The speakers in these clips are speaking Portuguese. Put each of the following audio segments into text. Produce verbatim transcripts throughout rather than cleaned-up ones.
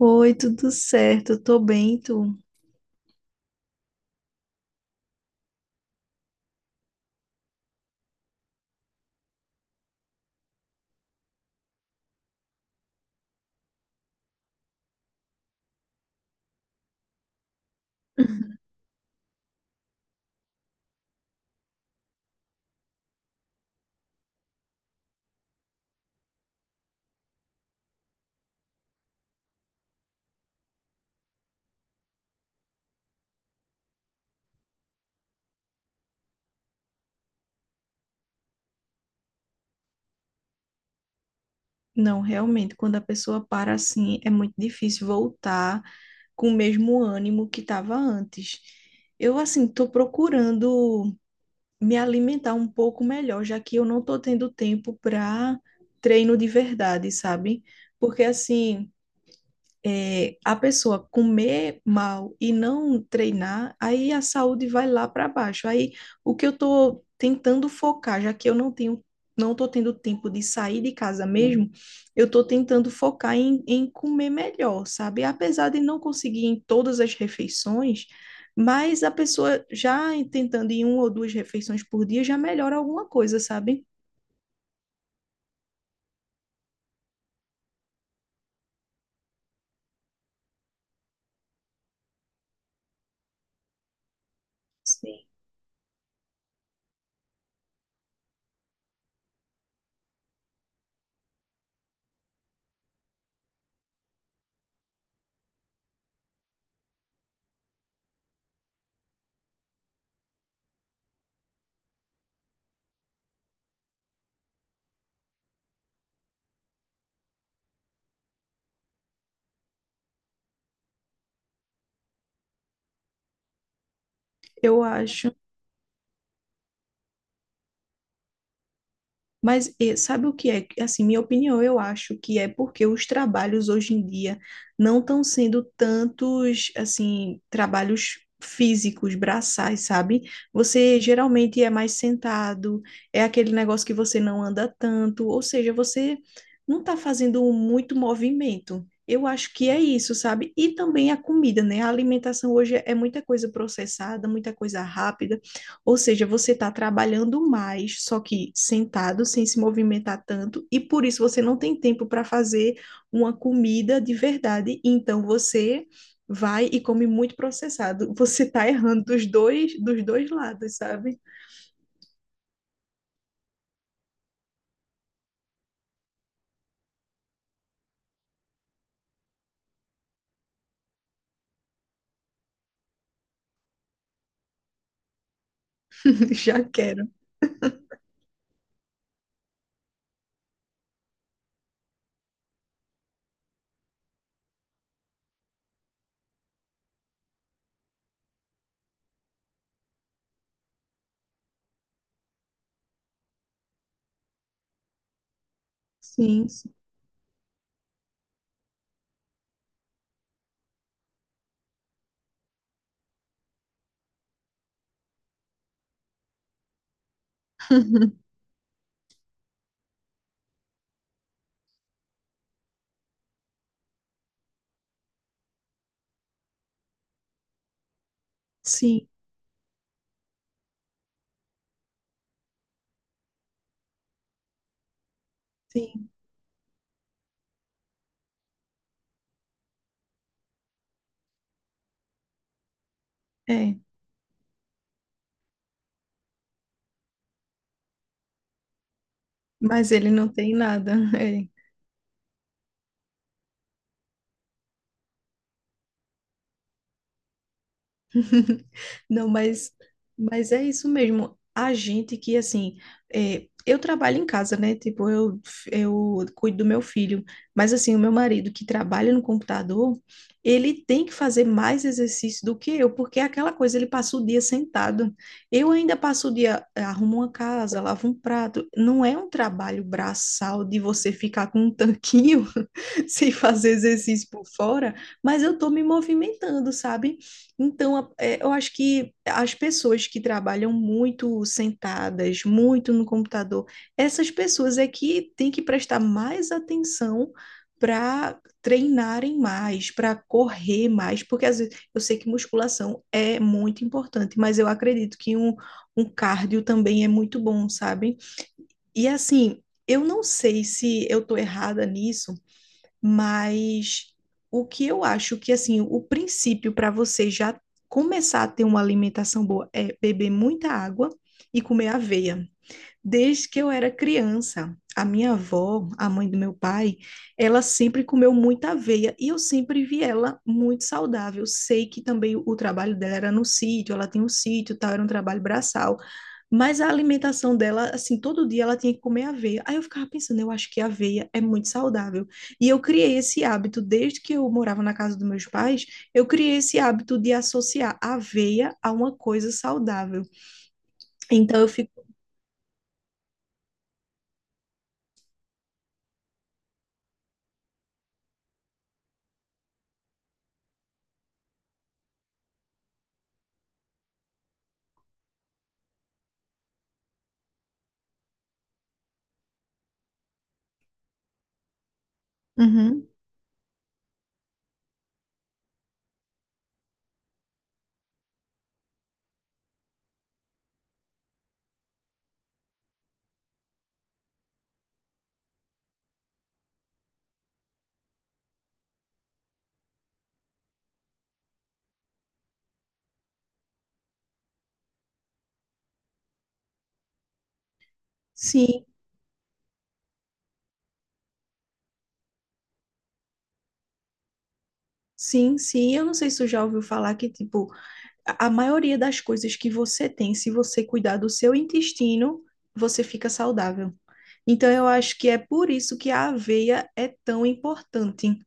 Oi, tudo certo? Eu tô bem, tu? Uhum. Não, realmente, quando a pessoa para assim, é muito difícil voltar com o mesmo ânimo que estava antes. Eu, assim, tô procurando me alimentar um pouco melhor, já que eu não estou tendo tempo para treino de verdade, sabe? Porque assim é, a pessoa comer mal e não treinar, aí a saúde vai lá para baixo. Aí o que eu estou tentando focar, já que eu não tenho, não estou tendo tempo de sair de casa mesmo, eu estou tentando focar em, em comer melhor, sabe? Apesar de não conseguir em todas as refeições, mas a pessoa já tentando em uma ou duas refeições por dia já melhora alguma coisa, sabe? Sim. Eu acho. Mas eh, sabe o que é? Assim, minha opinião, eu acho que é porque os trabalhos hoje em dia não estão sendo tantos, assim, trabalhos físicos, braçais, sabe? Você geralmente é mais sentado, é aquele negócio que você não anda tanto, ou seja, você não está fazendo muito movimento. Eu acho que é isso, sabe? E também a comida, né? A alimentação hoje é muita coisa processada, muita coisa rápida. Ou seja, você está trabalhando mais, só que sentado, sem se movimentar tanto, e por isso você não tem tempo para fazer uma comida de verdade. Então você vai e come muito processado. Você está errando dos dois, dos dois lados, sabe? Já quero. Sim, sim, sim, sim, é. Mas ele não tem nada. É. Não, mas, mas é isso mesmo. A gente que, assim, é, eu trabalho em casa, né? Tipo, eu, eu cuido do meu filho. Mas, assim, o meu marido que trabalha no computador, ele tem que fazer mais exercício do que eu, porque é aquela coisa, ele passa o dia sentado. Eu ainda passo o dia, eh, arrumo uma casa, lavo um prato. Não é um trabalho braçal de você ficar com um tanquinho sem fazer exercício por fora, mas eu tô me movimentando, sabe? Então, a- é, eu acho que as pessoas que trabalham muito sentadas, muito no computador, essas pessoas é que têm que prestar mais atenção para treinarem mais, para correr mais, porque às vezes eu sei que musculação é muito importante, mas eu acredito que um, um cardio também é muito bom, sabe? E assim, eu não sei se eu estou errada nisso. Mas o que eu acho que, assim, o princípio para você já começar a ter uma alimentação boa é beber muita água e comer aveia. Desde que eu era criança, a minha avó, a mãe do meu pai, ela sempre comeu muita aveia e eu sempre vi ela muito saudável. Sei que também o trabalho dela era no sítio, ela tem um sítio, e tal, era um trabalho braçal. Mas a alimentação dela, assim, todo dia ela tinha que comer aveia. Aí eu ficava pensando, eu acho que aveia é muito saudável. E eu criei esse hábito, desde que eu morava na casa dos meus pais, eu criei esse hábito de associar aveia a uma coisa saudável. Então eu fico. Uhum. Sim, sim, sim. Eu não sei se tu já ouviu falar que, tipo, a a maioria das coisas que você tem, se você cuidar do seu intestino, você fica saudável. Então eu acho que é por isso que a aveia é tão importante.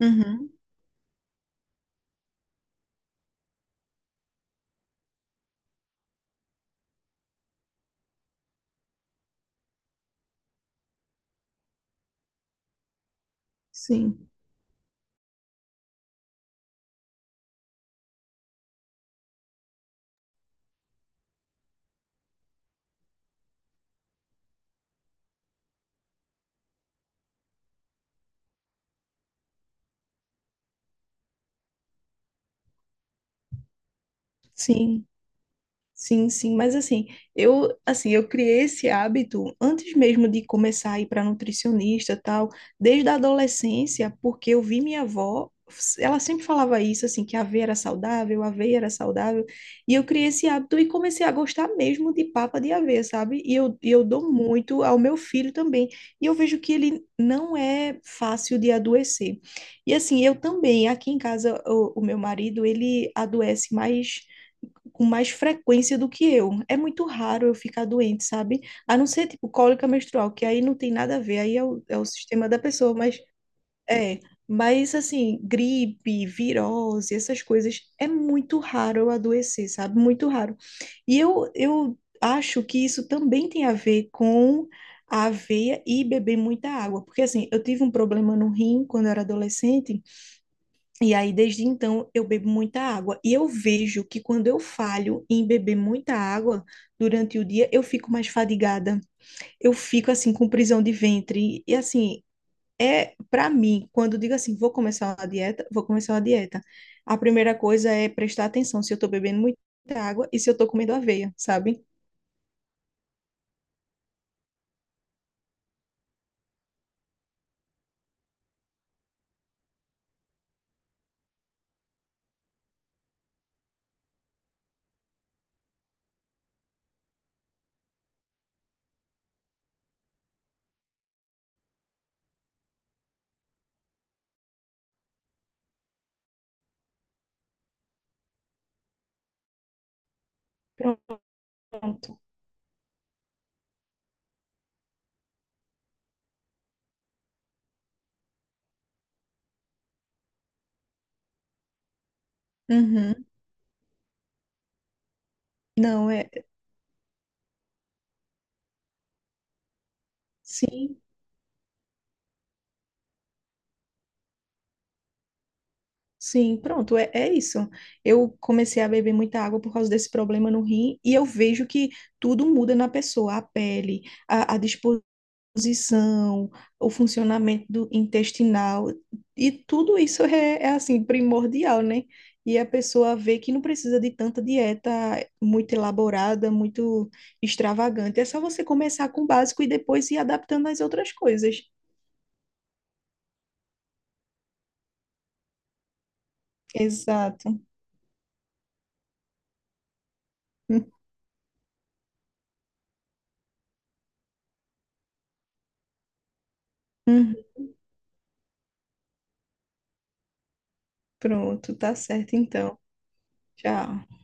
Uhum. Sim, sim, sim, sim. Mas assim, eu assim, eu criei esse hábito antes mesmo de começar a ir para nutricionista, tal, desde a adolescência, porque eu vi minha avó, ela sempre falava isso, assim, que a aveia era saudável, a aveia era saudável, e eu criei esse hábito e comecei a gostar mesmo de papa de aveia, sabe? E eu, e eu dou muito ao meu filho também, e eu vejo que ele não é fácil de adoecer. E assim, eu também, aqui em casa, o, o meu marido, ele adoece mais com mais frequência do que eu. É muito raro eu ficar doente, sabe? A não ser tipo cólica menstrual, que aí não tem nada a ver, aí é o, é o sistema da pessoa, mas é. Mas assim, gripe, virose, essas coisas, é muito raro eu adoecer, sabe? Muito raro. E eu, eu acho que isso também tem a ver com a aveia e beber muita água, porque assim, eu tive um problema no rim quando eu era adolescente. E aí, desde então, eu bebo muita água. E eu vejo que quando eu falho em beber muita água durante o dia, eu fico mais fadigada. Eu fico, assim, com prisão de ventre. E, assim, é para mim, quando eu digo assim, vou começar uma dieta, vou começar uma dieta. A primeira coisa é prestar atenção se eu tô bebendo muita água e se eu tô comendo aveia, sabe? Pronto. Uhum. Não, é. Sim. Sim, pronto, é, é isso. Eu comecei a beber muita água por causa desse problema no rim e eu vejo que tudo muda na pessoa, a pele, a, a disposição, o funcionamento do intestinal e tudo isso é, é assim primordial, né? E a pessoa vê que não precisa de tanta dieta muito elaborada, muito extravagante. É só você começar com o básico e depois ir adaptando às outras coisas. Exato. Uhum. Pronto, tá certo então. Tchau.